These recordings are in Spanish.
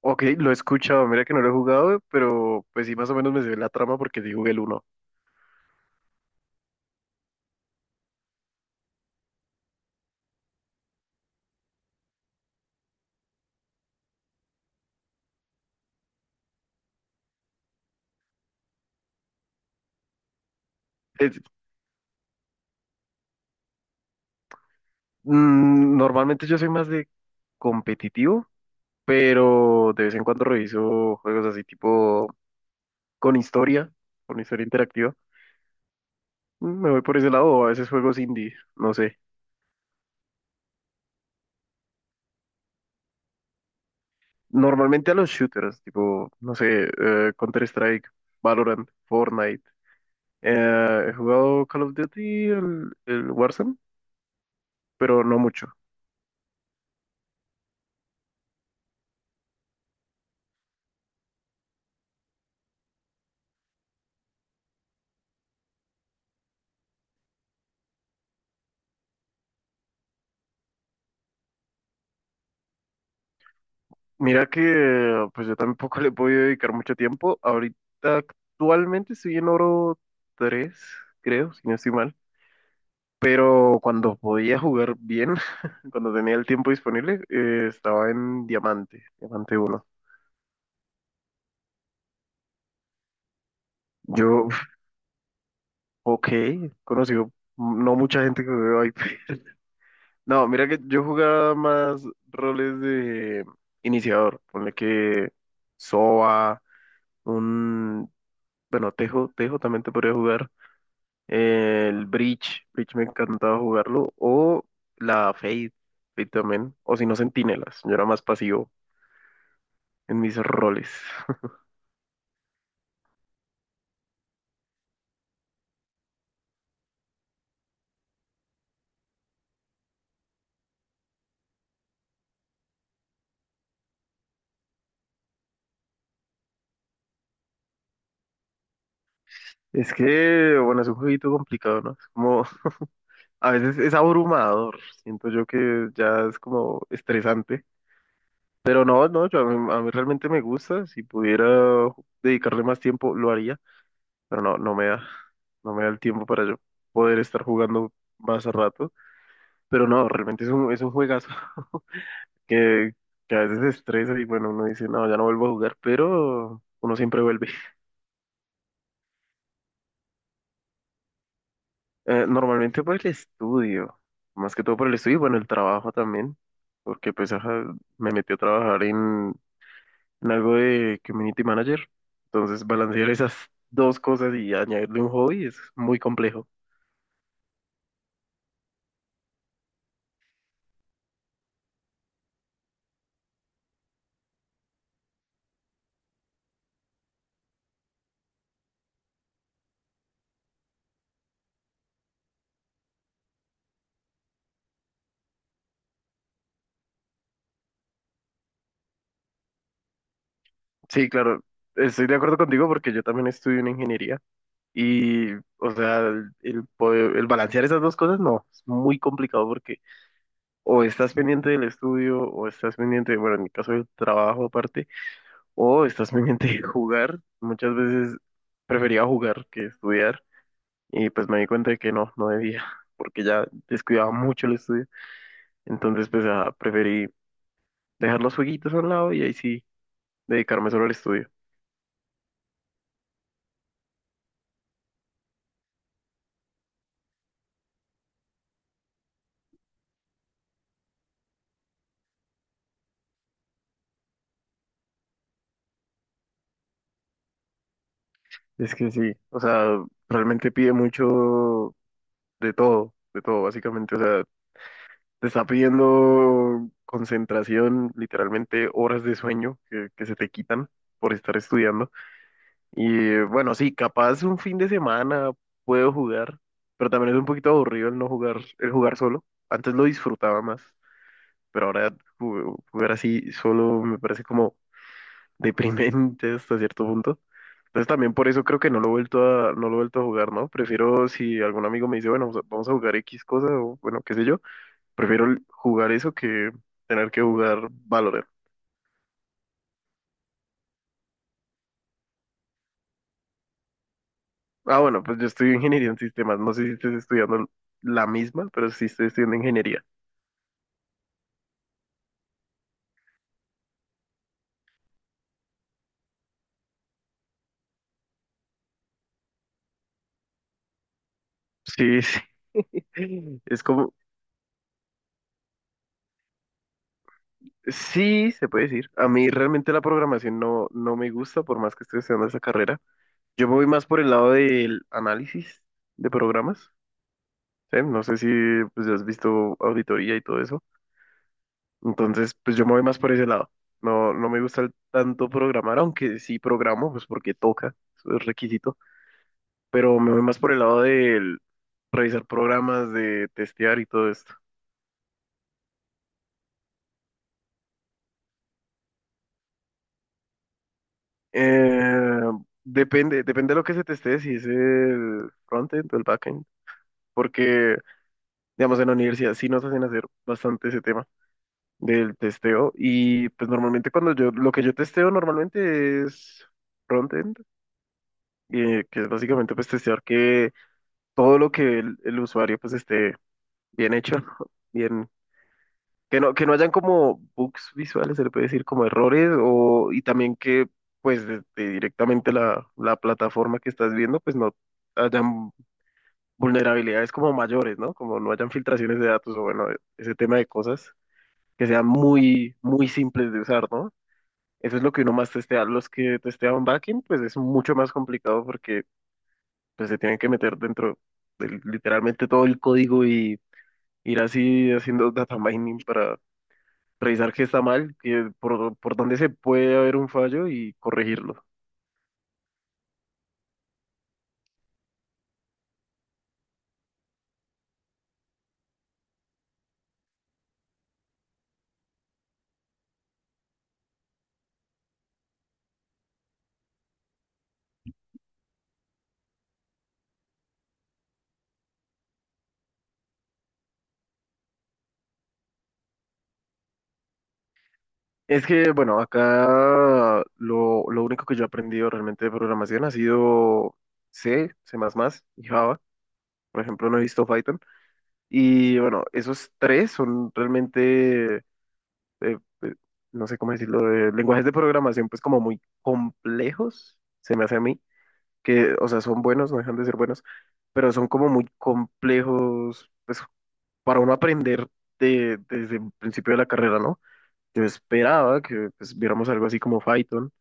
Ok, lo he escuchado, mira que no lo he jugado, pero pues sí, más o menos me se la trama porque sí jugué el uno. Es- Normalmente yo soy más de competitivo, pero de vez en cuando reviso juegos así tipo con historia, con historia interactiva. Me voy por ese lado o a veces juegos indie, no sé. Normalmente a los shooters, tipo, no sé, Counter-Strike, Valorant, Fortnite. He jugado Call of Duty, el Warzone, pero no mucho. Mira que pues yo tampoco le he podido dedicar mucho tiempo. Ahorita actualmente estoy en oro 3 creo, si no estoy mal. Pero cuando podía jugar bien, cuando tenía el tiempo disponible, estaba en diamante, diamante uno. Yo, ok, conocido no mucha gente que veo ahí. No, mira que yo jugaba más roles de iniciador. Ponle que Soba, un, bueno, Tejo, Tejo también te podría jugar. El Breach, Breach me encantaba jugarlo. O la Fade, Fade también. O si no, Centinelas. Yo era más pasivo en mis roles. Es que, bueno, es un jueguito complicado, ¿no? Es como, a veces es abrumador. Siento yo que ya es como estresante. Pero no, no, a mí realmente me gusta. Si pudiera dedicarle más tiempo, lo haría, pero no, no me da, no me da el tiempo para yo poder estar jugando más a rato. Pero no, realmente es un juegazo que, que a veces se estresa y bueno, uno dice, no, ya no vuelvo a jugar, pero uno siempre vuelve. Normalmente por el estudio, más que todo por el estudio y bueno, el trabajo también, porque pues ajá, me metí a trabajar en algo de community manager, entonces balancear esas dos cosas y añadirle un hobby es muy complejo. Sí, claro, estoy de acuerdo contigo porque yo también estudio en ingeniería. Y, o sea, el poder- el balancear esas dos cosas no, es muy complicado porque o estás pendiente del estudio, o estás pendiente, bueno, en mi caso del trabajo aparte, o estás pendiente de jugar. Muchas veces prefería jugar que estudiar y pues me di cuenta de que no, no debía, porque ya descuidaba mucho el estudio. Entonces, pues, preferí dejar los jueguitos a un lado y ahí sí dedicarme solo al estudio. Es que sí, o sea, realmente pide mucho de todo, básicamente, o sea, te está pidiendo concentración, literalmente horas de sueño que se te quitan por estar estudiando. Y bueno, sí, capaz un fin de semana puedo jugar, pero también es un poquito aburrido el no jugar, el jugar solo. Antes lo disfrutaba más, pero ahora jugar así solo me parece como deprimente hasta cierto punto. Entonces también por eso creo que no lo he vuelto a, no lo he vuelto a jugar, ¿no? Prefiero si algún amigo me dice, bueno, vamos a jugar X cosa o bueno, qué sé yo. Prefiero jugar eso que tener que jugar Valorant. Ah, bueno, pues yo estudio ingeniería en sistemas. No sé si estés estudiando la misma, pero sí estoy estudiando ingeniería. Sí, sí. Es como, sí, se puede decir. A mí realmente la programación no, no me gusta, por más que estoy estudiando esa carrera. Yo me voy más por el lado del análisis de programas. ¿Sí? No sé si pues, has visto auditoría y todo eso. Entonces, pues yo me voy más por ese lado. No, no me gusta tanto programar, aunque sí programo, pues porque toca, eso es requisito, pero me voy más por el lado de revisar programas, de testear y todo esto. Eh, Depende, depende de lo que se testee, si es el frontend o el backend, porque, digamos, en la universidad sí nos hacen hacer bastante ese tema del testeo y pues normalmente cuando yo, lo que yo testeo normalmente es frontend, que es básicamente pues testear que todo lo que el usuario pues esté bien hecho, ¿no? Bien, que no hayan como bugs visuales, se le puede decir como errores, o, y también que pues directamente la plataforma que estás viendo pues no hayan vulnerabilidades como mayores, ¿no? Como no hayan filtraciones de datos o bueno, ese tema de cosas que sean muy, muy simples de usar, ¿no? Eso es lo que uno más testea. Los que testean backend, pues es mucho más complicado porque pues se tienen que meter dentro de literalmente todo el código, ir así haciendo data mining para revisar qué está mal, qué- por dónde se puede haber un fallo y corregirlo. Es que, bueno, acá lo único que yo he aprendido realmente de programación ha sido C, C++ y Java. Por ejemplo, no he visto Python. Y bueno, esos tres son realmente, eh, no sé cómo decirlo, de lenguajes de programación pues como muy complejos, se me hace a mí. Que, o sea, son buenos, no dejan de ser buenos, pero son como muy complejos, pues, para uno aprender desde el principio de la carrera, ¿no? Yo esperaba que pues, viéramos algo así como Python,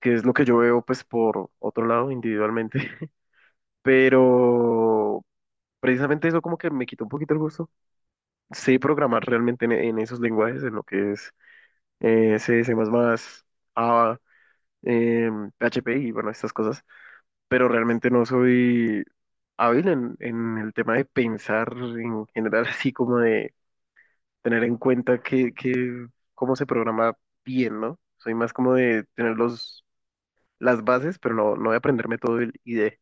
que es lo que yo veo, pues, por otro lado, individualmente, pero precisamente eso como que me quitó un poquito el gusto. Sé programar realmente en esos lenguajes, en lo que es C, C++, Java, PHP y, bueno, estas cosas, pero realmente no soy hábil en el tema de pensar en general, así como de tener en cuenta que cómo se programa bien, ¿no? Soy más como de tener los, las bases, pero no, no de aprenderme todo el IDE.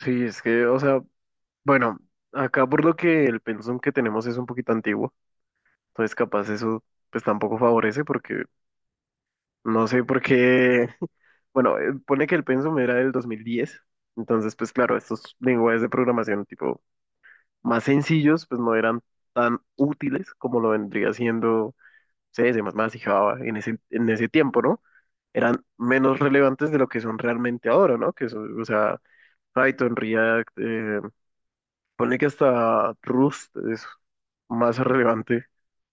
Sí, es que, o sea, bueno, acá por lo que el pensum que tenemos es un poquito antiguo, entonces capaz eso pues tampoco favorece porque no sé por qué, bueno, pone que el pensum era del 2010, entonces pues claro, estos lenguajes de programación tipo más sencillos, pues no eran tan útiles como lo vendría siendo C, S, más y Java en ese tiempo, ¿no? Eran menos relevantes de lo que son realmente ahora, ¿no? Que eso, o sea, Python, React, ponle que hasta Rust es más relevante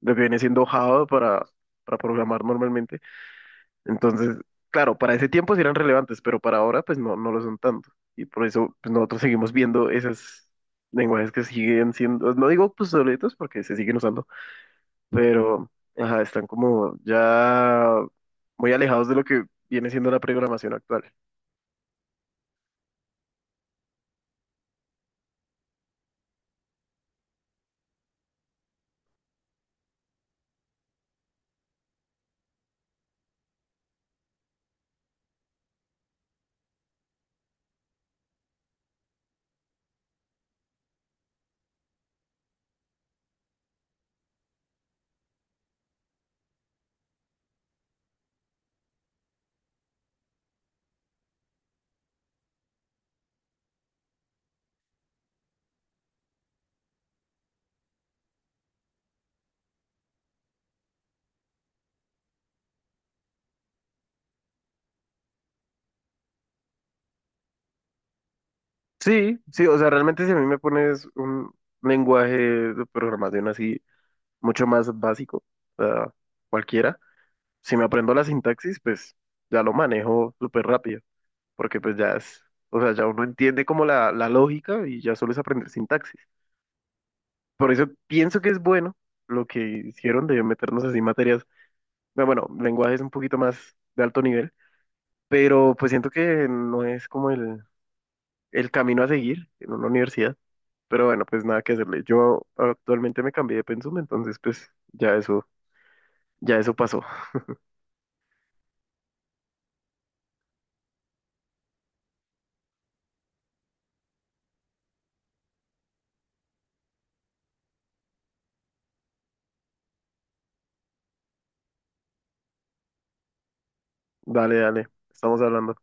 de lo que viene siendo Java para programar normalmente. Entonces, claro, para ese tiempo sí eran relevantes, pero para ahora pues no, no lo son tanto. Y por eso pues nosotros seguimos viendo esos lenguajes que siguen siendo, no digo pues obsoletos porque se siguen usando, pero ajá, están como ya muy alejados de lo que viene siendo la programación actual. Sí, sí, o sea, realmente si a mí me pones un lenguaje de programación así mucho más básico, o sea, cualquiera, si me aprendo la sintaxis, pues ya lo manejo súper rápido. Porque pues ya es, o sea, ya uno entiende como la lógica y ya solo es aprender sintaxis. Por eso pienso que es bueno lo que hicieron de meternos así materias, no, bueno, lenguajes un poquito más de alto nivel, pero pues siento que no es como el camino a seguir en una universidad. Pero bueno, pues nada que hacerle. Yo actualmente me cambié de pensum, entonces pues ya eso pasó. Dale, dale, estamos hablando.